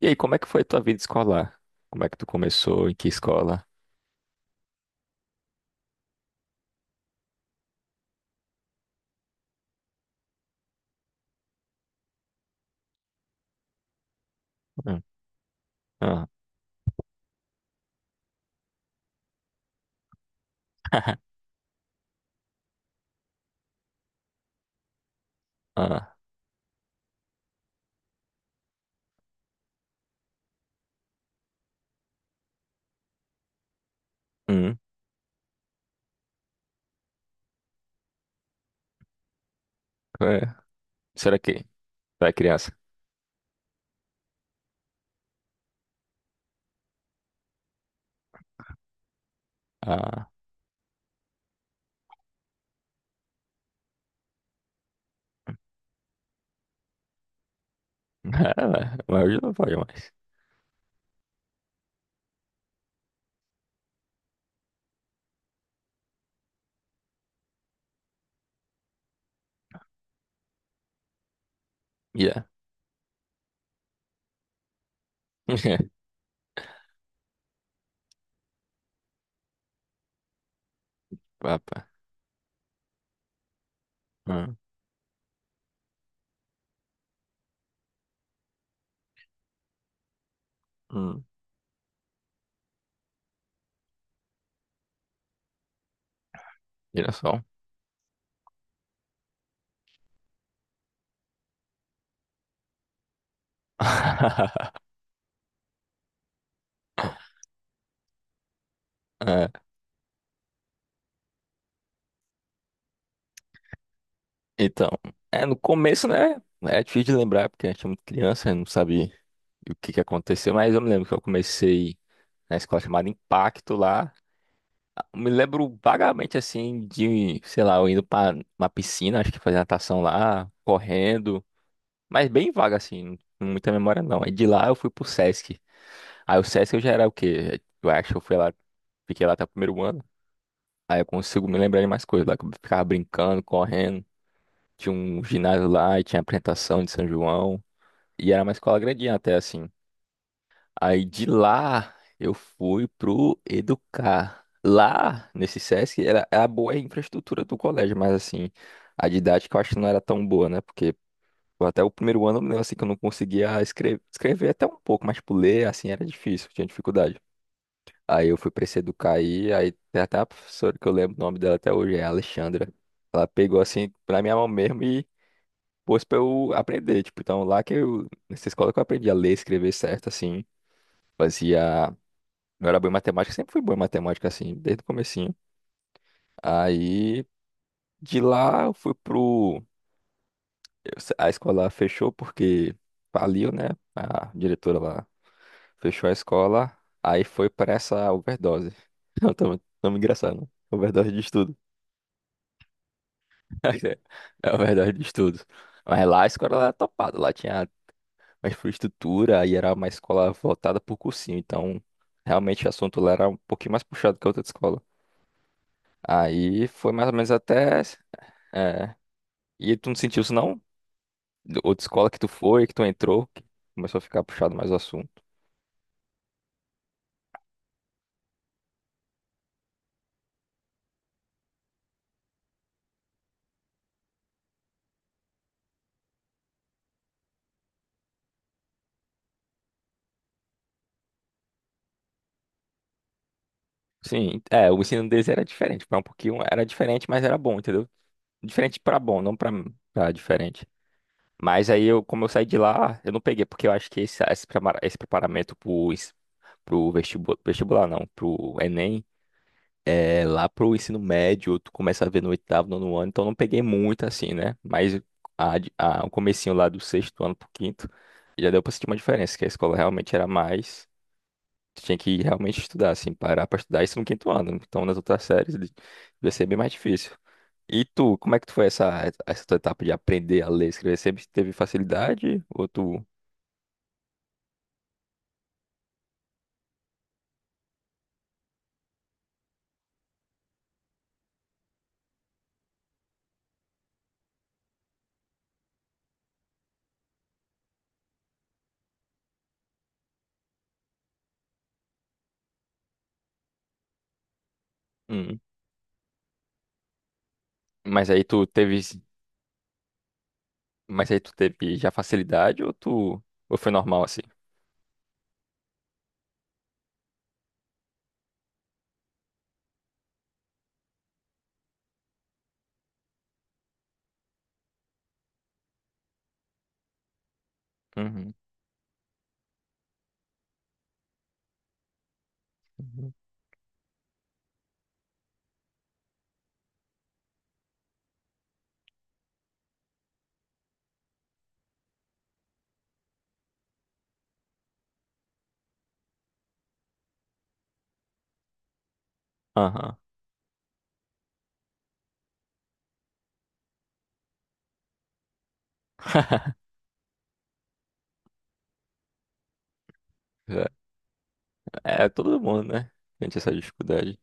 E aí, como é que foi a tua vida escolar? Como é que tu começou? Em que escola? Hum. Ah. Ah. Hum. É. Será que tu é criança? Ah. É, mas hoje não pode mais. Yeah. Papa. Hum, hum, girassol. É. Então, é, no começo, né? É difícil de lembrar, porque a gente é muito criança, eu não sabe o que que aconteceu, mas eu me lembro que eu comecei na escola chamada Impacto lá. Me lembro vagamente assim de, sei lá, eu indo pra uma piscina, acho que fazer natação lá, correndo, mas bem vaga assim, não muita memória não. Aí de lá eu fui pro Sesc. Aí o Sesc eu já era o quê? Eu acho que eu fui lá, fiquei lá até o primeiro ano. Aí eu consigo me lembrar de mais coisas lá, que eu ficava brincando, correndo. Tinha um ginásio lá e tinha apresentação de São João. E era uma escola grandinha até assim. Aí de lá eu fui pro Educar. Lá nesse SESC era, a boa infraestrutura do colégio, mas assim, a didática eu acho que não era tão boa, né? Porque pô, até o primeiro ano eu assim que eu não conseguia escrever, escrever até um pouco, mas tipo, ler assim era difícil, tinha dificuldade. Aí eu fui pra esse Educar aí, aí tem até a professora que eu lembro o nome dela até hoje, é a Alexandra. Ela pegou assim pra minha mão mesmo e pôs pra eu aprender, tipo, então lá que eu, nessa escola que eu aprendi a ler, escrever certo, assim fazia eu era bom em matemática, sempre fui bom em matemática, assim, desde o comecinho. Aí, de lá, eu fui pro... eu se- a escola fechou porque faliu, né? A diretora lá fechou a escola, aí foi pra essa overdose. Não, tô me engraçando. Overdose de estudo. É overdose de estudo. Mas lá a escola era topada, lá tinha uma infraestrutura e era uma escola voltada pro cursinho, então realmente o assunto lá era um pouquinho mais puxado que a outra escola. Aí foi mais ou menos até... É. E tu não sentiu isso não? Outra escola que tu foi, que tu entrou, que começou a ficar puxado mais o assunto. Sim, é, o ensino deles era diferente, foi um pouquinho, era diferente, mas era bom, entendeu? Diferente pra bom, não pra, diferente. Mas aí eu, como eu saí de lá, eu não peguei, porque eu acho que esse preparamento pro vestibular, vestibular não, pro Enem. É, lá pro ensino médio, tu começa a ver no oitavo, nono ano, então não peguei muito assim, né? Mas o comecinho lá do sexto ano pro quinto, já deu pra sentir uma diferença, que a escola realmente era mais. Tu tinha que realmente estudar, assim, parar pra estudar isso no quinto ano. Então nas outras séries devia ser bem mais difícil. E tu, como é que tu foi essa tua etapa de aprender a ler e escrever? Sempre teve facilidade? Ou tu. Hum, mas aí tu teve. Mas aí tu teve já facilidade ou tu. Ou foi normal assim? Uhum. Uhum. Aham. É, é todo mundo, né? Sente essa dificuldade.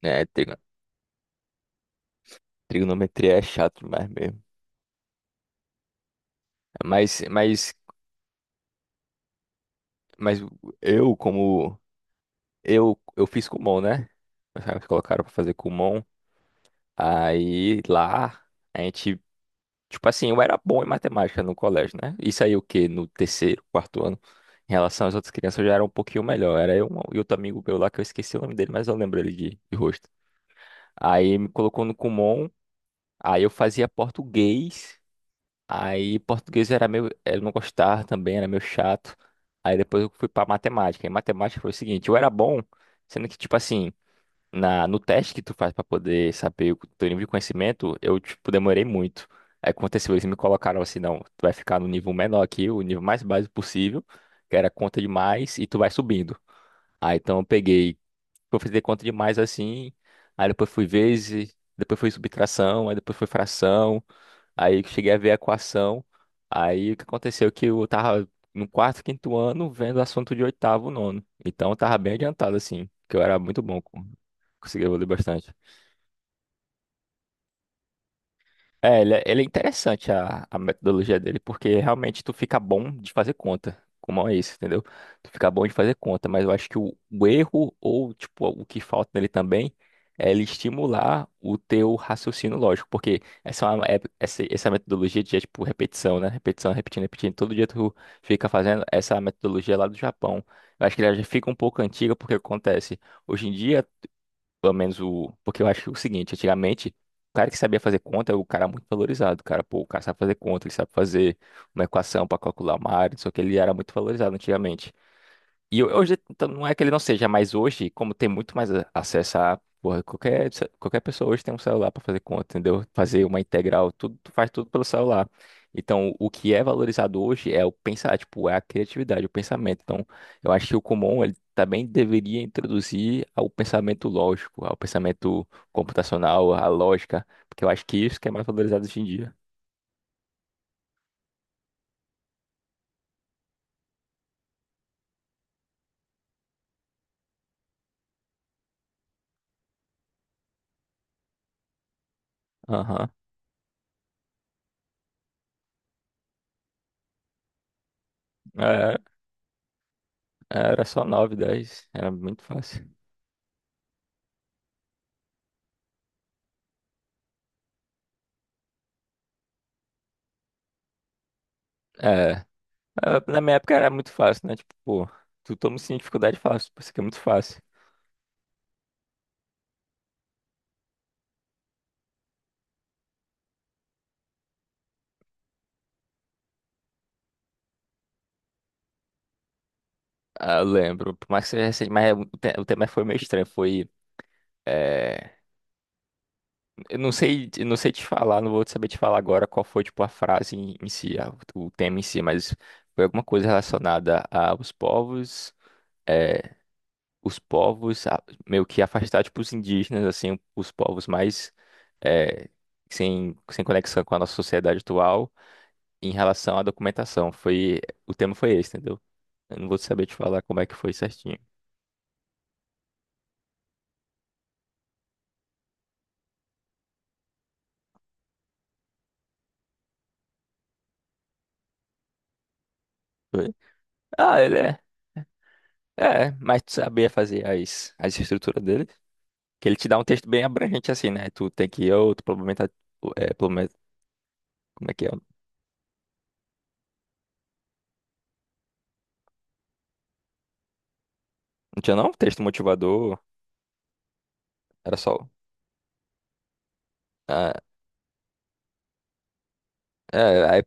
É, trigonometria é chato demais mesmo. Mas, mas, mas eu, como. Eu fiz Kumon, né? Eles colocaram pra fazer Kumon. Aí lá, a gente. Tipo assim, eu era bom em matemática no colégio, né? Isso aí o quê? No terceiro, quarto ano. Em relação às outras crianças, eu já era um pouquinho melhor. Era eu um, e outro amigo meu lá, que eu esqueci o nome dele, mas eu lembro ele de rosto. Aí me colocou no Kumon. Aí eu fazia português. Aí português era meio, eu não gostava também, era meio chato. Aí depois eu fui pra matemática. E matemática foi o seguinte, eu era bom, sendo que tipo assim, na no teste que tu faz pra poder saber o teu nível de conhecimento, eu tipo demorei muito. Aí aconteceu, eles me colocaram assim, não, tu vai ficar no nível menor aqui, o nível mais básico possível, que era conta de mais e tu vai subindo. Aí então eu peguei, eu fazer conta de mais assim, aí depois fui vezes, depois foi subtração, aí depois foi fração. Aí que cheguei a ver a equação. Aí o que aconteceu? É que eu tava no quarto, quinto ano vendo assunto de oitavo, nono. Então eu tava bem adiantado, assim, que eu era muito bom. Conseguia evoluir bastante. É, ele é, interessante a metodologia dele, porque realmente tu fica bom de fazer conta, como é isso, entendeu? Tu fica bom de fazer conta, mas eu acho que o erro, ou tipo, o que falta nele também, é ele estimular o teu raciocínio lógico, porque essa, é uma- é- essa metodologia de, tipo, repetição, né? Repetição, repetindo, repetindo, todo dia tu fica fazendo essa metodologia lá do Japão. Eu acho que ela já fica um pouco antiga, porque acontece, hoje em dia pelo menos o. Porque eu acho o seguinte, antigamente, o cara que sabia fazer conta era o cara muito valorizado. Cara, pô, o cara sabe fazer conta, ele sabe fazer uma equação para calcular uma área, só que ele era muito valorizado antigamente. E hoje, então, não é que ele não seja, mas hoje, como tem muito mais acesso a. Porra, qualquer pessoa hoje tem um celular para fazer conta, entendeu? Fazer uma integral, tudo, tu faz tudo pelo celular. Então, o que é valorizado hoje é o pensar, tipo, é a criatividade, o pensamento. Então, eu acho que o Kumon, ele também deveria introduzir ao pensamento lógico, ao pensamento computacional, à lógica, porque eu acho que isso que é mais valorizado hoje em dia. Aham. É, é, era só 9, 10 era muito fácil. É. Ah, na minha época era muito fácil, né? Tipo, pô, tu toma sim dificuldade fácil, pô, isso aqui é muito fácil. Ah, eu lembro, por mais que seja recente, mas é, o tema foi meio estranho, foi... É, eu não sei, te falar, não vou saber te falar agora qual foi, tipo, a frase em si, o tema em si, mas foi alguma coisa relacionada aos povos, é, os povos, meio que afastar, tipo, os indígenas, assim, os povos mais... é, sem conexão com a nossa sociedade atual em relação à documentação. Foi, o tema foi esse, entendeu? Eu não vou saber te falar como é que foi certinho. Foi. Ah, ele é. É, mas tu sabia fazer as estruturas dele? Que ele te dá um texto bem abrangente assim, né? Tu tem que ir, ou tu complementa, é, complementa- como é que é? Não tinha não? Texto motivador, era só. Ah, é, aí,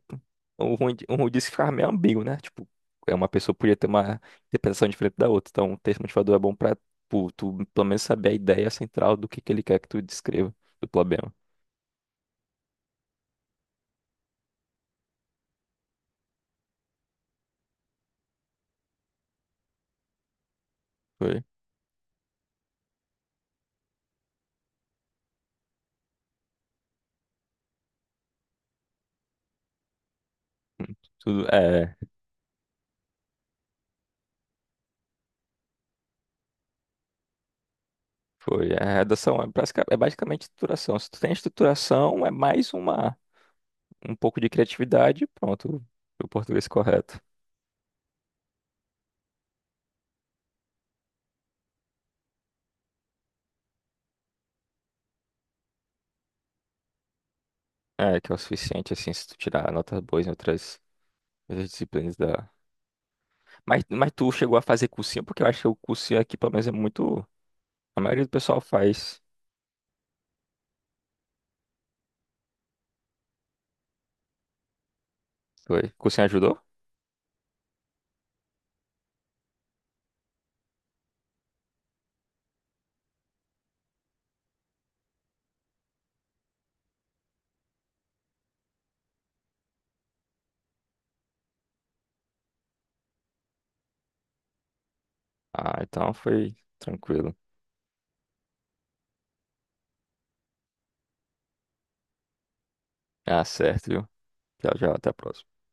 o ruim, o ruim disso é que ficava meio ambíguo, né? Tipo, é uma pessoa podia ter uma interpretação diferente da outra. Então, o texto motivador é bom pra, tipo, tu pelo menos saber a ideia central do que ele quer que tu descreva do problema. Foi. Tudo, é, foi. É, a redação é, basicamente estruturação. Se tu tem estruturação, é mais uma, um pouco de criatividade, e pronto. O português correto. É, que é o suficiente, assim, se tu tirar notas boas em outras, disciplinas da. Mas tu chegou a fazer cursinho, porque eu acho que o cursinho aqui, pelo menos, é muito. A maioria do pessoal faz. Foi. Cursinho ajudou? Ah, então foi tranquilo. Ah, certo, viu? Tchau, tchau, até a próxima.